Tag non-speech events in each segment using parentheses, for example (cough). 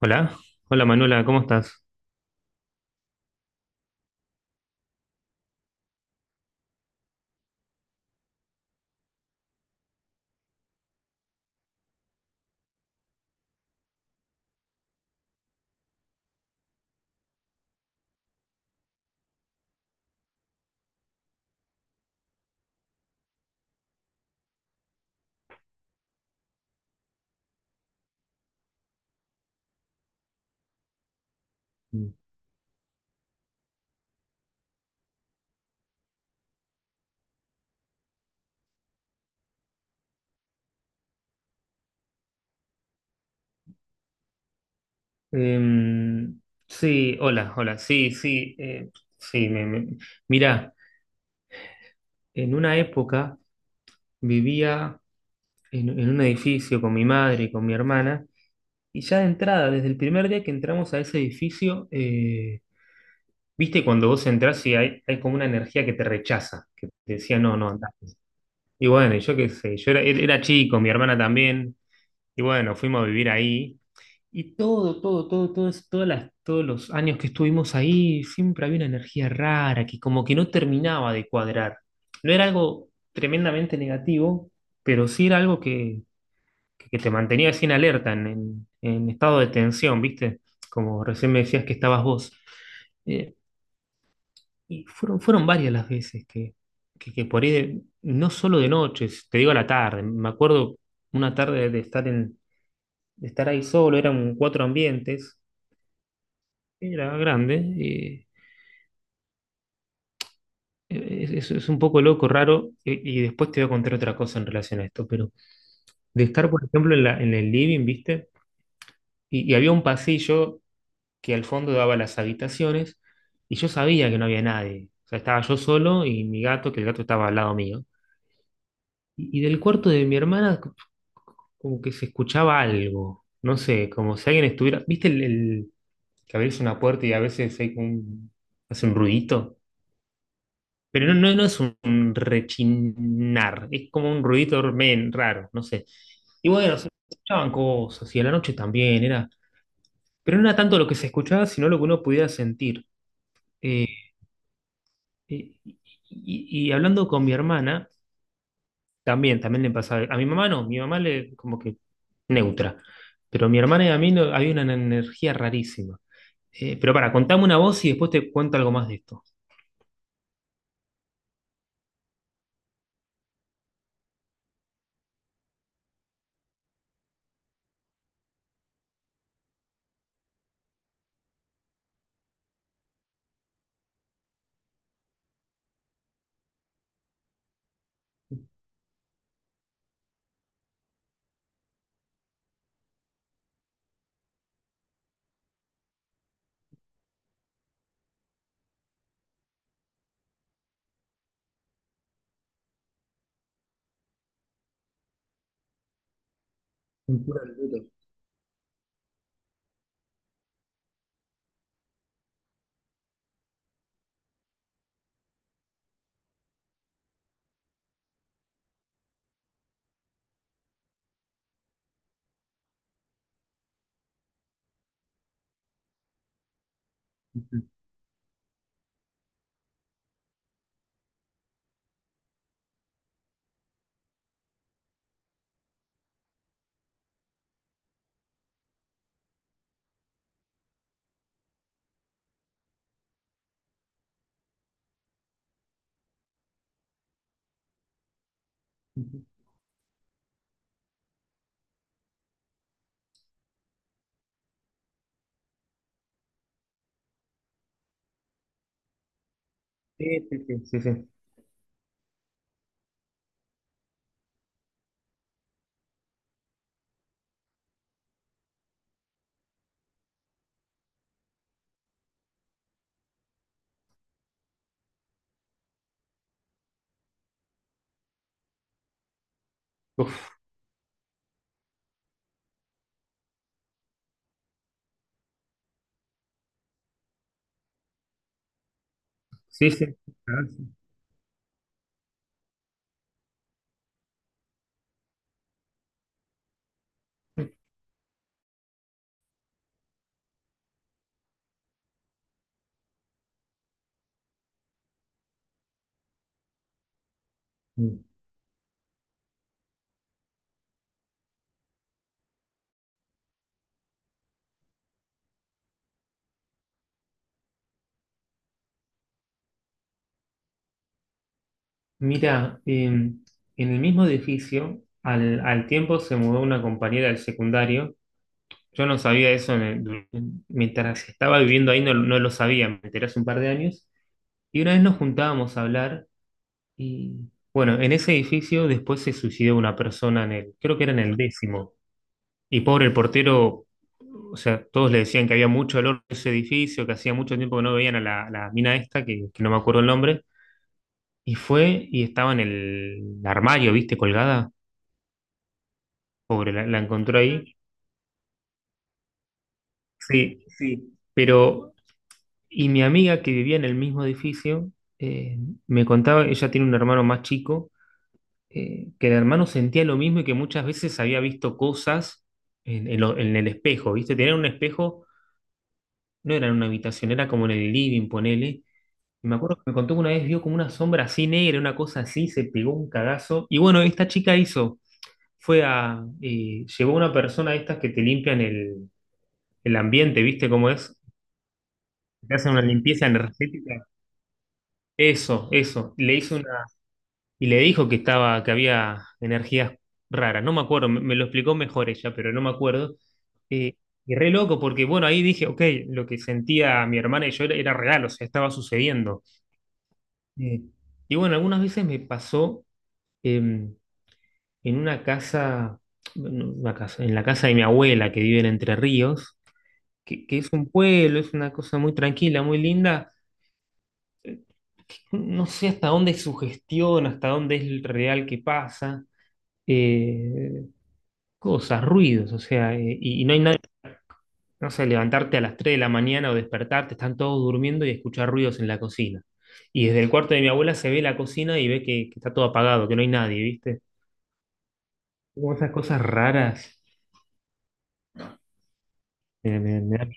Hola, hola Manuela, ¿cómo estás? Em, sí, hola, hola, sí, sí, sí, mirá, en una época vivía en un edificio con mi madre y con mi hermana, y ya de entrada, desde el primer día que entramos a ese edificio, viste, cuando vos entrás y hay como una energía que te rechaza, que te decía, no, no, andá. Y bueno, y yo qué sé, yo era chico, mi hermana también, y bueno, fuimos a vivir ahí. Y todo, todas las, todos los años que estuvimos ahí, siempre había una energía rara que como que no terminaba de cuadrar. No era algo tremendamente negativo, pero sí era algo que te mantenía así en alerta, en estado de tensión, ¿viste? Como recién me decías que estabas vos. Eh, y fueron varias las veces que por ahí, no solo de noches, te digo a la tarde, me acuerdo una tarde de estar, de estar ahí solo, eran cuatro ambientes. Era grande y es un poco loco, raro, y después te voy a contar otra cosa en relación a esto, pero de estar, por ejemplo, en el living, ¿viste? Y había un pasillo que al fondo daba las habitaciones, y yo sabía que no había nadie. O sea, estaba yo solo y mi gato, que el gato estaba al lado mío. Y del cuarto de mi hermana, como que se escuchaba algo, no sé, como si alguien estuviera, ¿viste que abrís una puerta y a veces hay como un, hace un ruidito? Pero no es un rechinar, es como un ruidito men, raro, no sé. Y bueno, se escuchaban cosas, y a la noche también, era, pero no era tanto lo que se escuchaba, sino lo que uno pudiera sentir. Eh, y, y hablando con mi hermana, también, también le pasaba. A mi mamá no, mi mamá le como que neutra. Pero mi hermana y a mí no, había una energía rarísima. Pero para, contame una voz y después te cuento algo más de esto. Cintura del Duero. Sí, sí, sí, sí, sí. Uf, sí, sí. Ah, sí. Mira, en el mismo edificio, al tiempo se mudó una compañera del secundario. Yo no sabía eso mientras estaba viviendo ahí, no, no lo sabía, me enteré hace un par de años. Y una vez nos juntábamos a hablar y, bueno, en ese edificio después se suicidó una persona en el, creo que era en el décimo. Y pobre el portero, o sea, todos le decían que había mucho olor en ese edificio, que hacía mucho tiempo que no veían a la mina esta, que no me acuerdo el nombre. Y fue y estaba en el armario, ¿viste? Colgada. Pobre, la encontró ahí. Sí, sí, pero, y mi amiga que vivía en el mismo edificio, eh, me contaba, ella tiene un hermano más chico, que el hermano sentía lo mismo y que muchas veces había visto cosas en el espejo, ¿viste? Tenían un espejo, no era en una habitación, era como en el living, ponele. Y me acuerdo que me contó que una vez vio como una sombra así negra, una cosa así, se pegó un cagazo. Y bueno, esta chica hizo, fue a, llevó a una persona de estas que te limpian el ambiente, ¿viste cómo es? Te hacen una limpieza energética. Eso, eso. Le hizo una, y le dijo que estaba, que había energías raras. No me acuerdo, me lo explicó mejor ella, pero no me acuerdo. Eh, y re loco, porque bueno, ahí dije, ok, lo que sentía mi hermana y yo era, era real, o sea, estaba sucediendo. Eh, y bueno, algunas veces me pasó em, en una casa, no, una casa, en la casa de mi abuela que vive en Entre Ríos, que es un pueblo, es una cosa muy tranquila, muy linda. No sé hasta dónde es sugestión, hasta dónde es real que pasa, eh, cosas, ruidos, o sea, y no hay nadie, no sé, levantarte a las 3 de la mañana o despertarte, están todos durmiendo y escuchar ruidos en la cocina. Y desde el cuarto de mi abuela se ve la cocina y ve que está todo apagado, que no hay nadie, ¿viste? Como esas cosas raras. Me da miedo.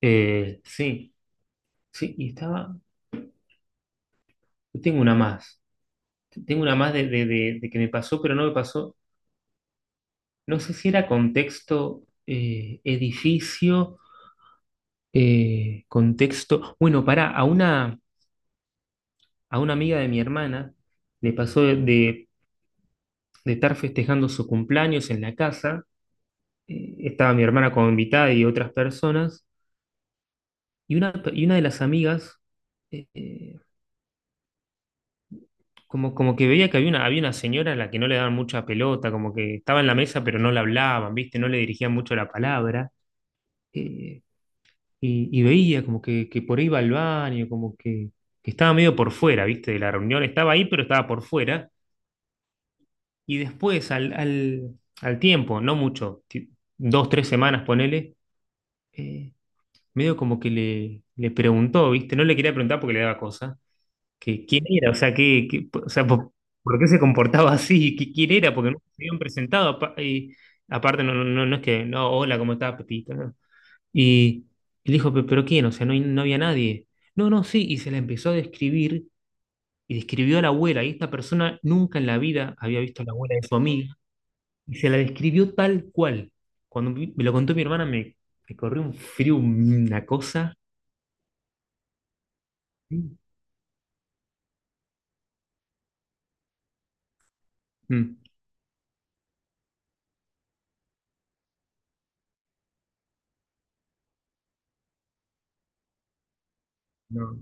Sí, sí, y estaba, tengo una más, tengo una más de, de que me pasó, pero no me pasó. No sé si era contexto edificio, contexto. Bueno, pará, a una amiga de mi hermana le pasó de estar festejando su cumpleaños en la casa. Estaba mi hermana como invitada y otras personas. Y una de las amigas, eh, eh, como, como que veía que había una señora a la que no le daban mucha pelota, como que estaba en la mesa pero no le hablaban, ¿viste? No le dirigían mucho la palabra. eh, y veía como que por ahí iba al baño, como que estaba medio por fuera, ¿viste? De la reunión estaba ahí, pero estaba por fuera. Y después, al tiempo, no mucho, dos, tres semanas, ponele, eh, medio como que le preguntó, ¿viste? No le quería preguntar porque le daba cosa, que quién era, o sea, o sea, por qué se comportaba (laughs) así, que quién era, porque no se habían presentado. Y aparte, no, no es que, no, hola, ¿cómo estás, Pepito? Y él dijo, ¿pero quién? O sea, no, no había nadie. No, no, sí, y se la empezó a describir y describió a la abuela. Y esta persona nunca en la vida había visto a la abuela de su amiga y se la describió tal cual. Me lo contó mi hermana, me corrió un frío, una cosa. Mm, no,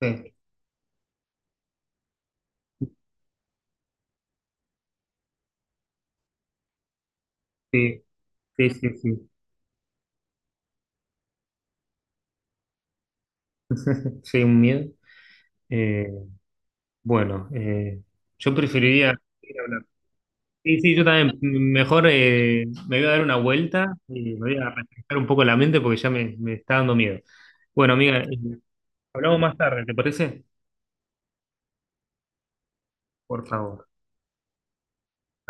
sí, sí, sí, sí, sí, sí, un miedo. Eh, bueno, yo preferiría ir a hablar. Sí, sí, yo también. Mejor me voy a dar una vuelta y me voy a refrescar un poco la mente porque ya me está dando miedo. Bueno, amiga, hablamos más tarde, ¿te parece? Por favor.